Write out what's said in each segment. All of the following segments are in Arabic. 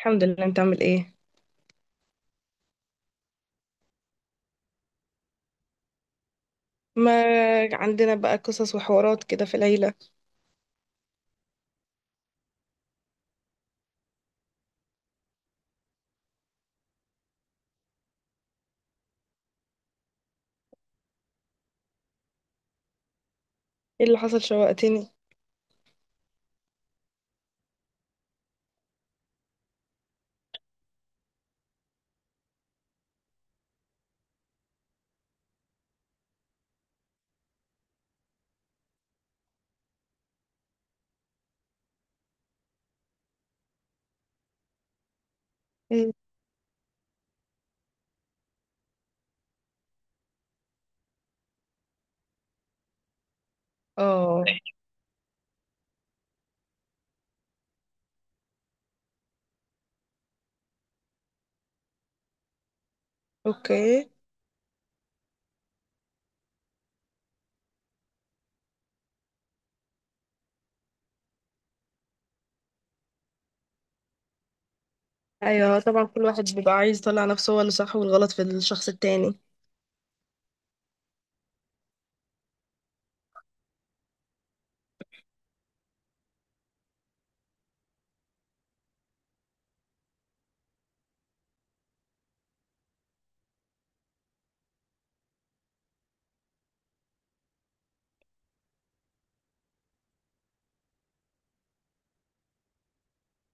الحمد لله، انت عامل ايه؟ ما عندنا بقى قصص وحوارات كده في العيلة. ايه اللي حصل؟ شوقتني. مم. اه. اوكي. ايوه طبعا، كل واحد بيبقى عايز يطلع نفسه هو اللي صح والغلط في الشخص التاني.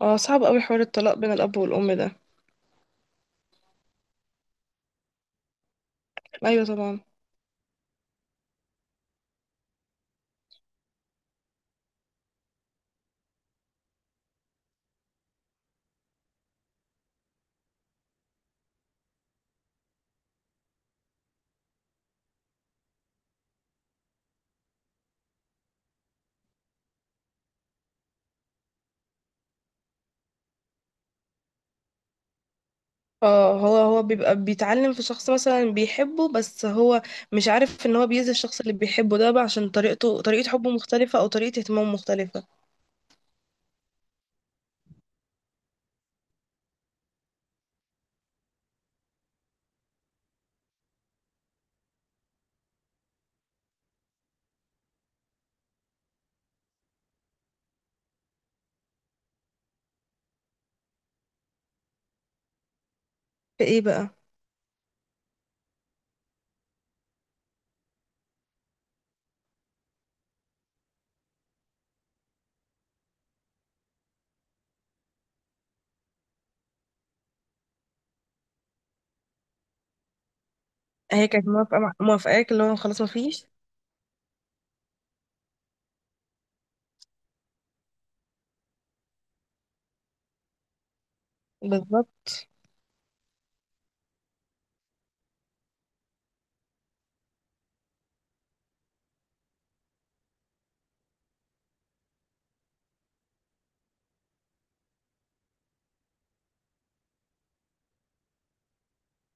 اه صعب قوي حوار الطلاق بين الاب والام ده. ايوه طبعا. اه هو بيبقى بيتعلم في شخص مثلا بيحبه بس هو مش عارف ان هو بيأذي الشخص اللي بيحبه ده بقى عشان طريقته طريقة حبه مختلفة او طريقة اهتمامه مختلفة. في ايه بقى؟ هي كانت موافقاك اللي هو خلاص مفيش. بالظبط.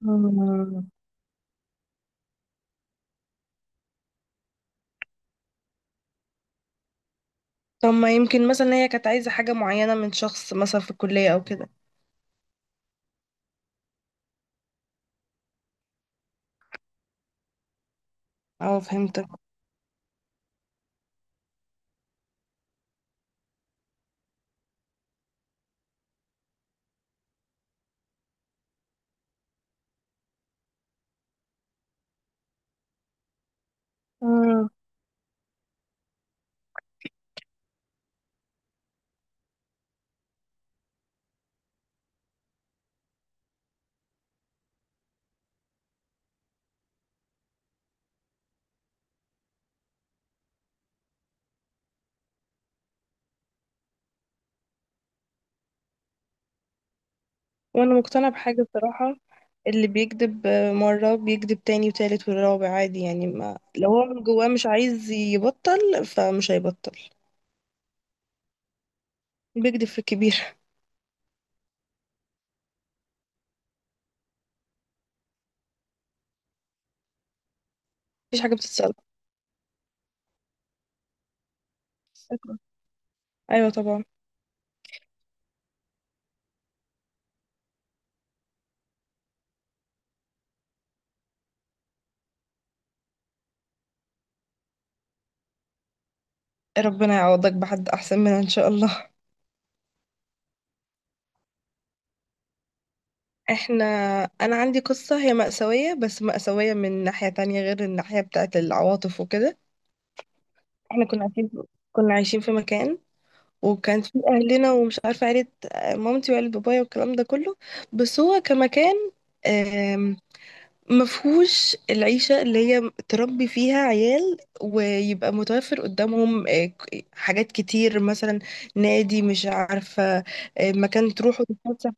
مم. طب ما يمكن مثلا هي كانت عايزة حاجة معينة من شخص مثلا في الكلية أو كده. اه فهمتك. مم. وأنا مقتنعة بحاجة بصراحة، اللي بيكذب مرة بيكذب تاني وتالت والرابع عادي، يعني ما لو هو من جواه مش عايز يبطل فمش هيبطل. بيكذب في الكبير. مفيش حاجة بتتصلح. شكراً. أيوة طبعا. ربنا يعوضك بحد أحسن منها إن شاء الله. احنا، أنا عندي قصة هي مأساوية بس مأساوية من ناحية تانية غير الناحية بتاعت العواطف وكده. احنا كنا عايشين في مكان، وكان في اهلنا ومش عارفه عيله مامتي وعيله بابايا والكلام ده كله. بس هو كمكان آم، مفهوش العيشه اللي هي تربي فيها عيال ويبقى متوفر قدامهم حاجات كتير، مثلا نادي مش عارفه مكان تروحوا تتفسح.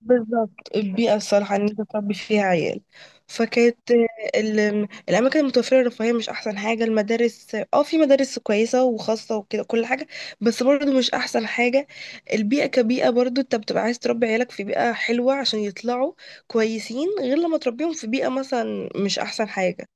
بالظبط، البيئة الصالحة إن أنت تربي فيها عيال. فكانت الأماكن المتوفرة الرفاهية مش أحسن حاجة. المدارس اه في مدارس كويسة وخاصة وكده كل حاجة، بس برضه مش أحسن حاجة. البيئة كبيئة برضه أنت بتبقى عايز تربي عيالك في بيئة حلوة عشان يطلعوا كويسين، غير لما تربيهم في بيئة مثلا مش أحسن حاجة.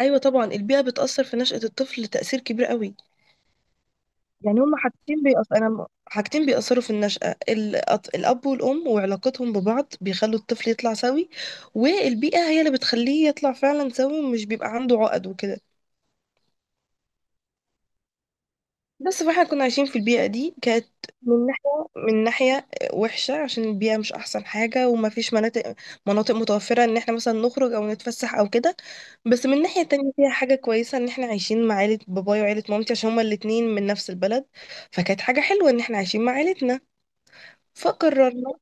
أيوة طبعا، البيئة بتأثر في نشأة الطفل تأثير كبير قوي. يعني هما حاجتين بيأثروا، حاجتين بيأثروا في النشأة، الأب والأم وعلاقتهم ببعض بيخلوا الطفل يطلع سوي، والبيئة هي اللي بتخليه يطلع فعلا سوي ومش بيبقى عنده عقد وكده. بس فاحنا كنا عايشين في البيئة دي، كانت من ناحية وحشة عشان البيئة مش أحسن حاجة وما فيش مناطق متوفرة إن احنا مثلا نخرج أو نتفسح أو كده. بس من ناحية تانية فيها حاجة كويسة إن احنا عايشين مع عيلة بابايا وعيلة مامتي عشان هما الاتنين من نفس البلد. فكانت حاجة حلوة إن احنا عايشين مع عيلتنا. فقررنا.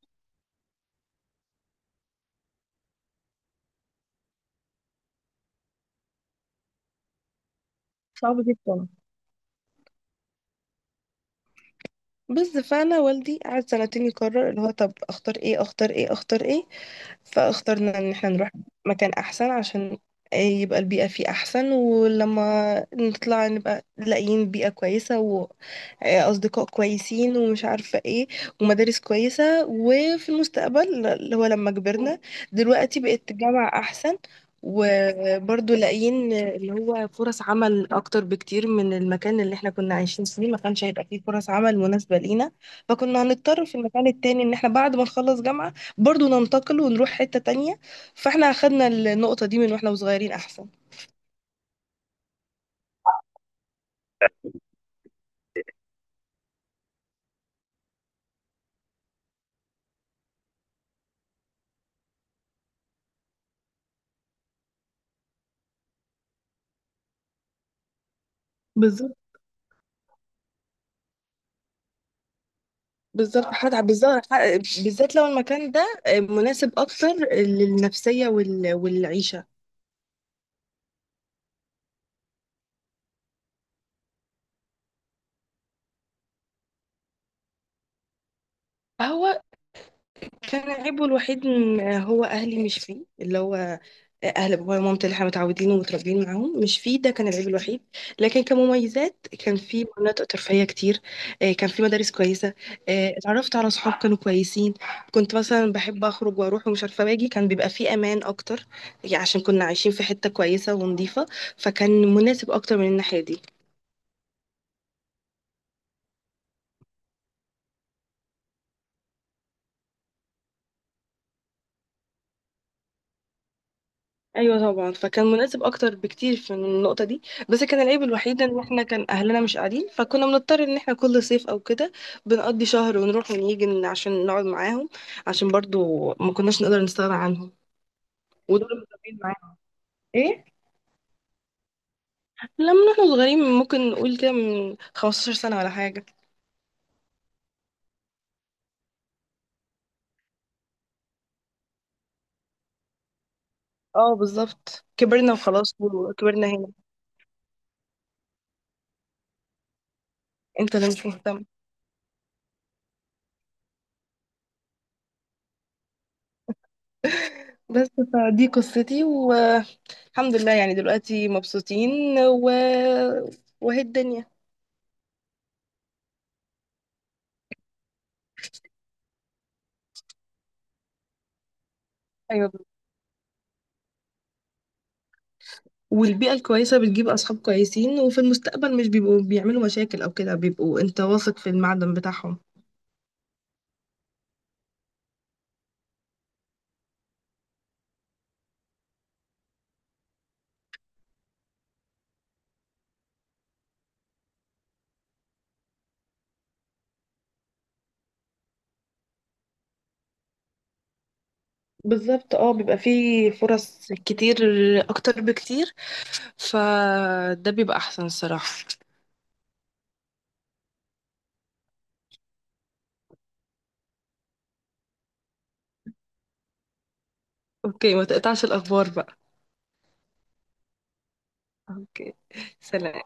صعب جدا. بس فانا والدي قعد سنتين يقرر اللي هو طب اختار ايه اختار ايه اختار ايه. فاخترنا ان احنا نروح مكان احسن عشان يبقى البيئة فيه احسن، ولما نطلع نبقى لاقيين بيئة كويسة واصدقاء كويسين ومش عارفة ايه، ومدارس كويسة، وفي المستقبل اللي هو لما كبرنا دلوقتي بقت جامعة احسن، وبرضه لاقيين اللي هو فرص عمل اكتر بكتير من المكان اللي احنا كنا عايشين فيه، ما كانش هيبقى فيه فرص عمل مناسبة لينا. فكنا هنضطر في المكان التاني ان احنا بعد ما نخلص جامعة برضو ننتقل ونروح حتة تانية، فاحنا اخدنا النقطة دي من واحنا صغيرين احسن. بالظبط. بالظبط حد بالظبط، بالذات لو المكان ده مناسب اكتر للنفسيه والعيشه. فهو كان عيبه الوحيد إن هو أهلي مش فيه، اللي هو أهل بابايا ومامتي اللي احنا متعودين ومتربيين معاهم مش فيه، ده كان العيب الوحيد. لكن كمميزات كان في مناطق ترفيهية كتير، كان في مدارس كويسة، اتعرفت على صحاب كانوا كويسين. كنت مثلا بحب أخرج وأروح ومش عارفة باجي، كان بيبقى فيه أمان أكتر، يعني عشان كنا عايشين في حتة كويسة ونظيفة، فكان مناسب أكتر من الناحية دي. ايوه طبعا، فكان مناسب اكتر بكتير في من النقطه دي. بس كان العيب الوحيد ان احنا كان اهلنا مش قاعدين، فكنا بنضطر ان احنا كل صيف او كده بنقضي شهر ونروح ونيجي عشان نقعد معاهم، عشان برضو ما كناش نقدر نستغنى عنهم ودول مرتبطين معاهم. ايه، لما احنا صغيرين، ممكن نقول كده من 15 سنه ولا حاجه. اه بالظبط، كبرنا وخلاص وكبرنا هنا. انت اللي مش مهتم. بس فدي قصتي والحمد لله، يعني دلوقتي مبسوطين وهي الدنيا. ايوه. والبيئة الكويسة بتجيب أصحاب كويسين، وفي المستقبل مش بيبقوا بيعملوا مشاكل أو كده، بيبقوا أنت واثق في المعدن بتاعهم. بالظبط، اه بيبقى فيه فرص كتير اكتر بكتير، فده بيبقى احسن الصراحة. أوكي، ما تقطعش الأخبار بقى. أوكي. سلام.